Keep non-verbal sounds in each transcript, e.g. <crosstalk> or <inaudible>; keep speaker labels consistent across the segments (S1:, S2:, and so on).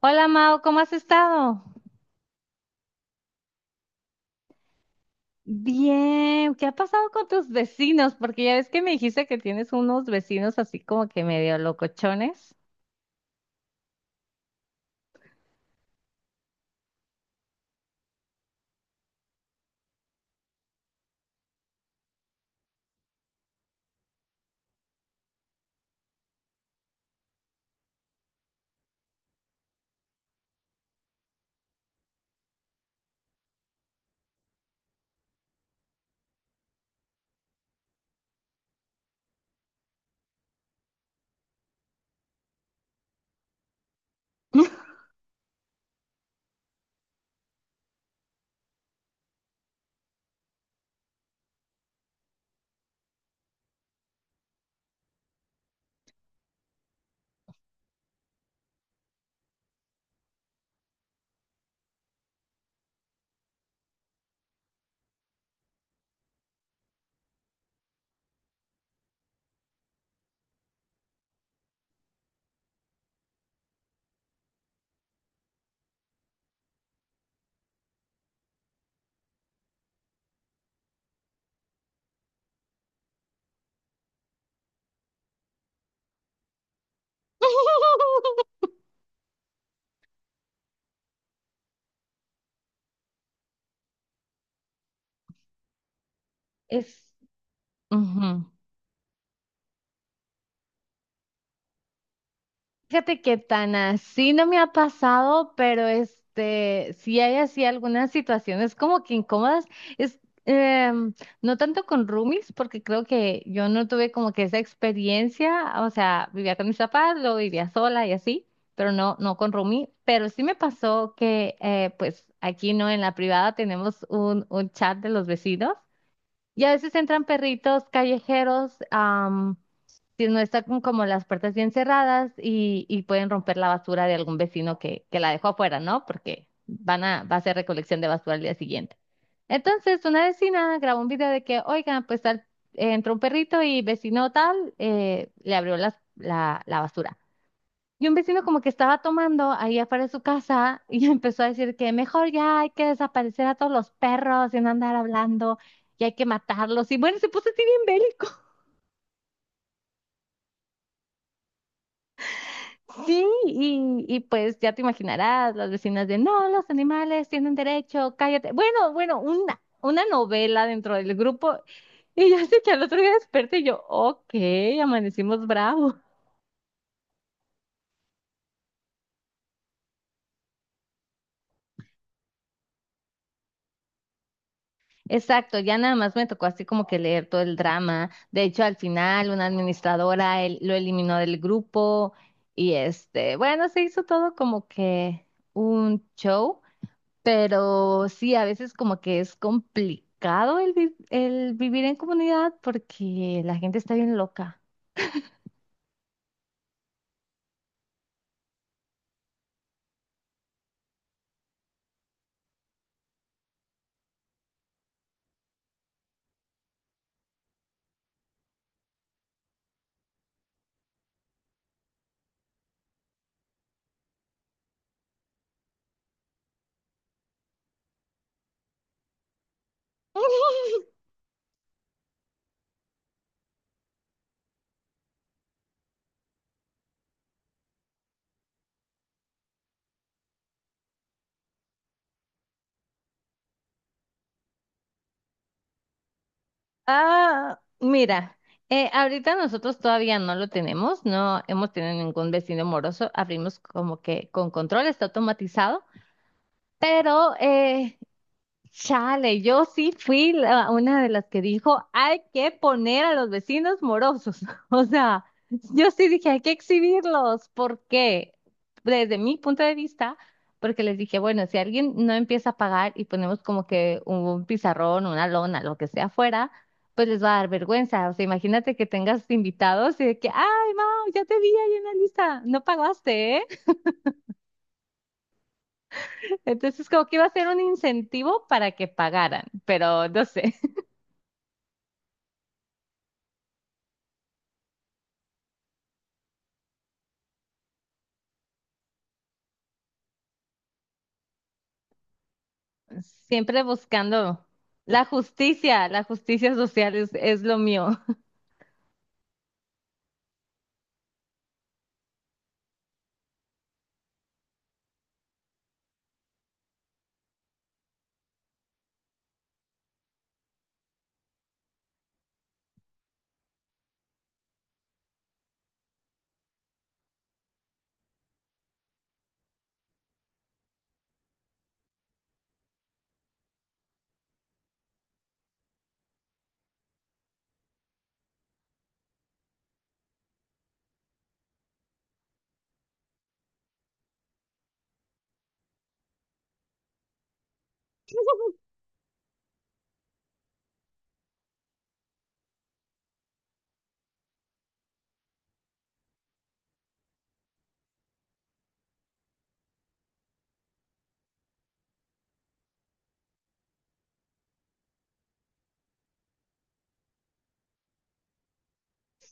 S1: Hola Mao, ¿cómo has estado? Bien, ¿qué ha pasado con tus vecinos? Porque ya ves que me dijiste que tienes unos vecinos así como que medio locochones. <laughs> Es. Fíjate que tan así no me ha pasado, pero sí hay así algunas situaciones como que incómodas. Es, em, no tanto con roomies, porque creo que yo no tuve como que esa experiencia, o sea, vivía con mis papás, luego vivía sola y así, pero no, no con roomie. Pero sí me pasó que, pues aquí no, en la privada tenemos un chat de los vecinos y a veces entran perritos callejeros, si no está como las puertas bien cerradas y pueden romper la basura de algún vecino que la dejó afuera, ¿no? Porque va a hacer recolección de basura al día siguiente. Entonces, una vecina grabó un video de que, oigan, pues tal, entró un perrito y vecino tal le abrió la basura. Y un vecino como que estaba tomando ahí afuera de su casa y <laughs> empezó a decir que mejor ya hay que desaparecer a todos los perros y no andar hablando y hay que matarlos. Y bueno, se puso así bien bélico. Sí, y pues ya te imaginarás, las vecinas de, no, los animales tienen derecho, cállate. Bueno, bueno, una novela dentro del grupo. Y ya sé que al otro día desperté y yo, ok, amanecimos bravos. Exacto, ya nada más me tocó así como que leer todo el drama. De hecho, al final una administradora lo eliminó del grupo y bueno, se hizo todo como que un show. Pero sí, a veces como que es complicado el vivir en comunidad porque la gente está bien loca. <laughs> Ah, mira, ahorita nosotros todavía no lo tenemos, no hemos tenido ningún vecino moroso, abrimos como que con control, está automatizado, pero chale, yo sí fui una de las que dijo, hay que poner a los vecinos morosos. <laughs> O sea, yo sí dije, hay que exhibirlos. ¿Por qué? Desde mi punto de vista, porque les dije, bueno, si alguien no empieza a pagar y ponemos como que un pizarrón, una lona, lo que sea afuera, pues les va a dar vergüenza. O sea, imagínate que tengas invitados y de que, ay, Mau, ya te vi ahí en la lista, no pagaste, ¿eh? Entonces, como que iba a ser un incentivo para que pagaran, pero no sé. Siempre buscando la justicia social es lo mío. <laughs>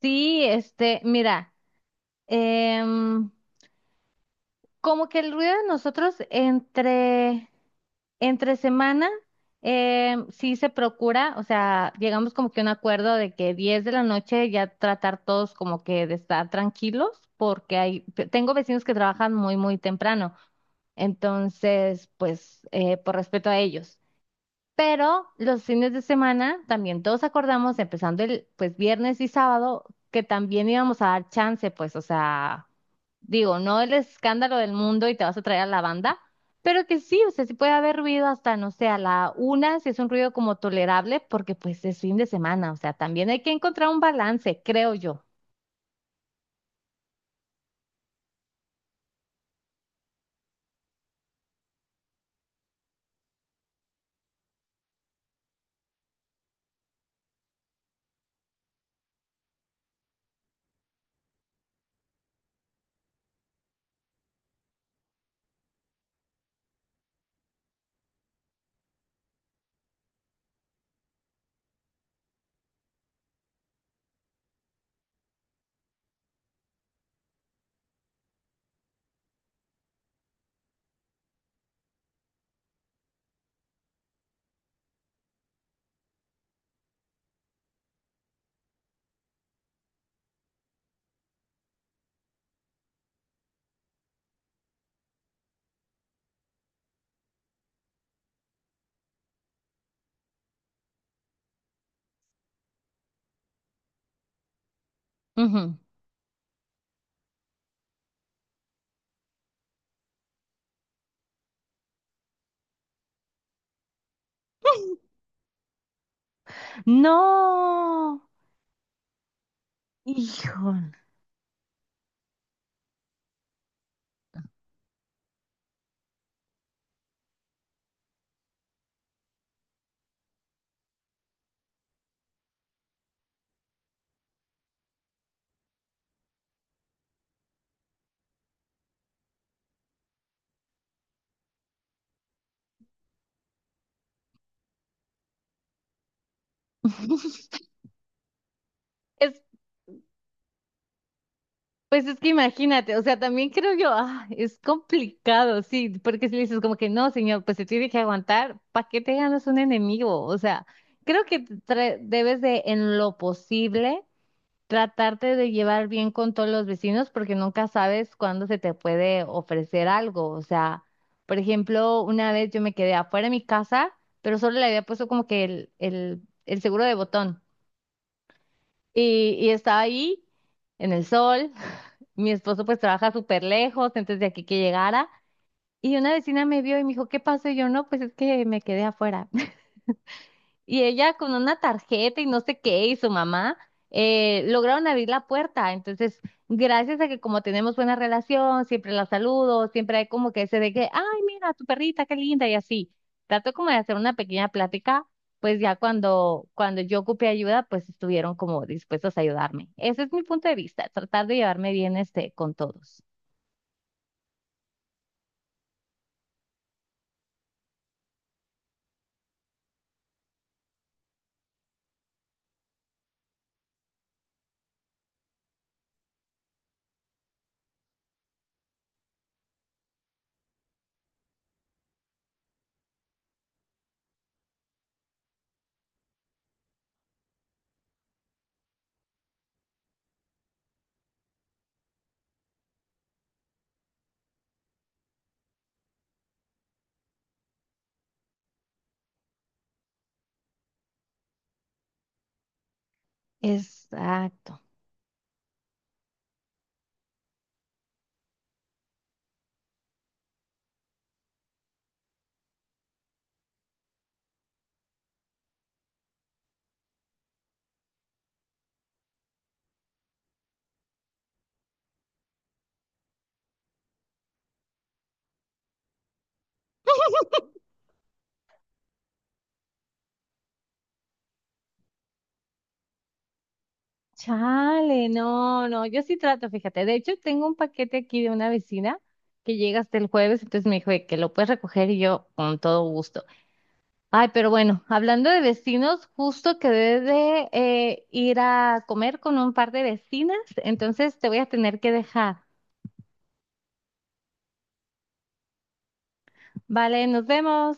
S1: Sí, mira, em, como que el ruido de nosotros entre semana, sí se procura, o sea, llegamos como que a un acuerdo de que 10 de la noche ya tratar todos como que de estar tranquilos, porque hay, tengo vecinos que trabajan muy, muy temprano, entonces, pues, por respeto a ellos. Pero los fines de semana también todos acordamos, empezando el pues viernes y sábado, que también íbamos a dar chance, pues, o sea, digo, no el escándalo del mundo y te vas a traer a la banda, pero que sí, o sea, sí puede haber ruido hasta, no sé, a la una, si es un ruido como tolerable, porque pues es fin de semana, o sea, también hay que encontrar un balance, creo yo. Ujú. No, hijo. Pues es que imagínate, o sea, también creo yo, ah, es complicado, sí, porque si le dices como que no, señor, pues se tiene que aguantar, ¿para qué te ganas un enemigo? O sea, creo que debes de, en lo posible, tratarte de llevar bien con todos los vecinos porque nunca sabes cuándo se te puede ofrecer algo. O sea, por ejemplo, una vez yo me quedé afuera de mi casa, pero solo le había puesto como que el seguro de botón. Y estaba ahí en el sol. <laughs> Mi esposo pues trabaja súper lejos, entonces de aquí que llegara. Y una vecina me vio y me dijo, ¿qué pasó? Y yo, no, pues es que me quedé afuera. Y ella con una tarjeta y no sé qué, y su mamá, lograron abrir la puerta. Entonces, gracias a que como tenemos buena relación, siempre la saludo, siempre hay como que ese de que, ay, mira, tu perrita, qué linda, y así. Trato como de hacer una pequeña plática, pues ya cuando yo ocupé ayuda, pues estuvieron como dispuestos a ayudarme. Ese es mi punto de vista, tratar de llevarme bien este con todos. Exacto. Chale, no, no, yo sí trato, fíjate. De hecho, tengo un paquete aquí de una vecina que llega hasta el jueves, entonces me dijo de que lo puedes recoger y yo con todo gusto. Ay, pero bueno, hablando de vecinos, justo quedé de ir a comer con un par de vecinas, entonces te voy a tener que dejar. Vale, nos vemos.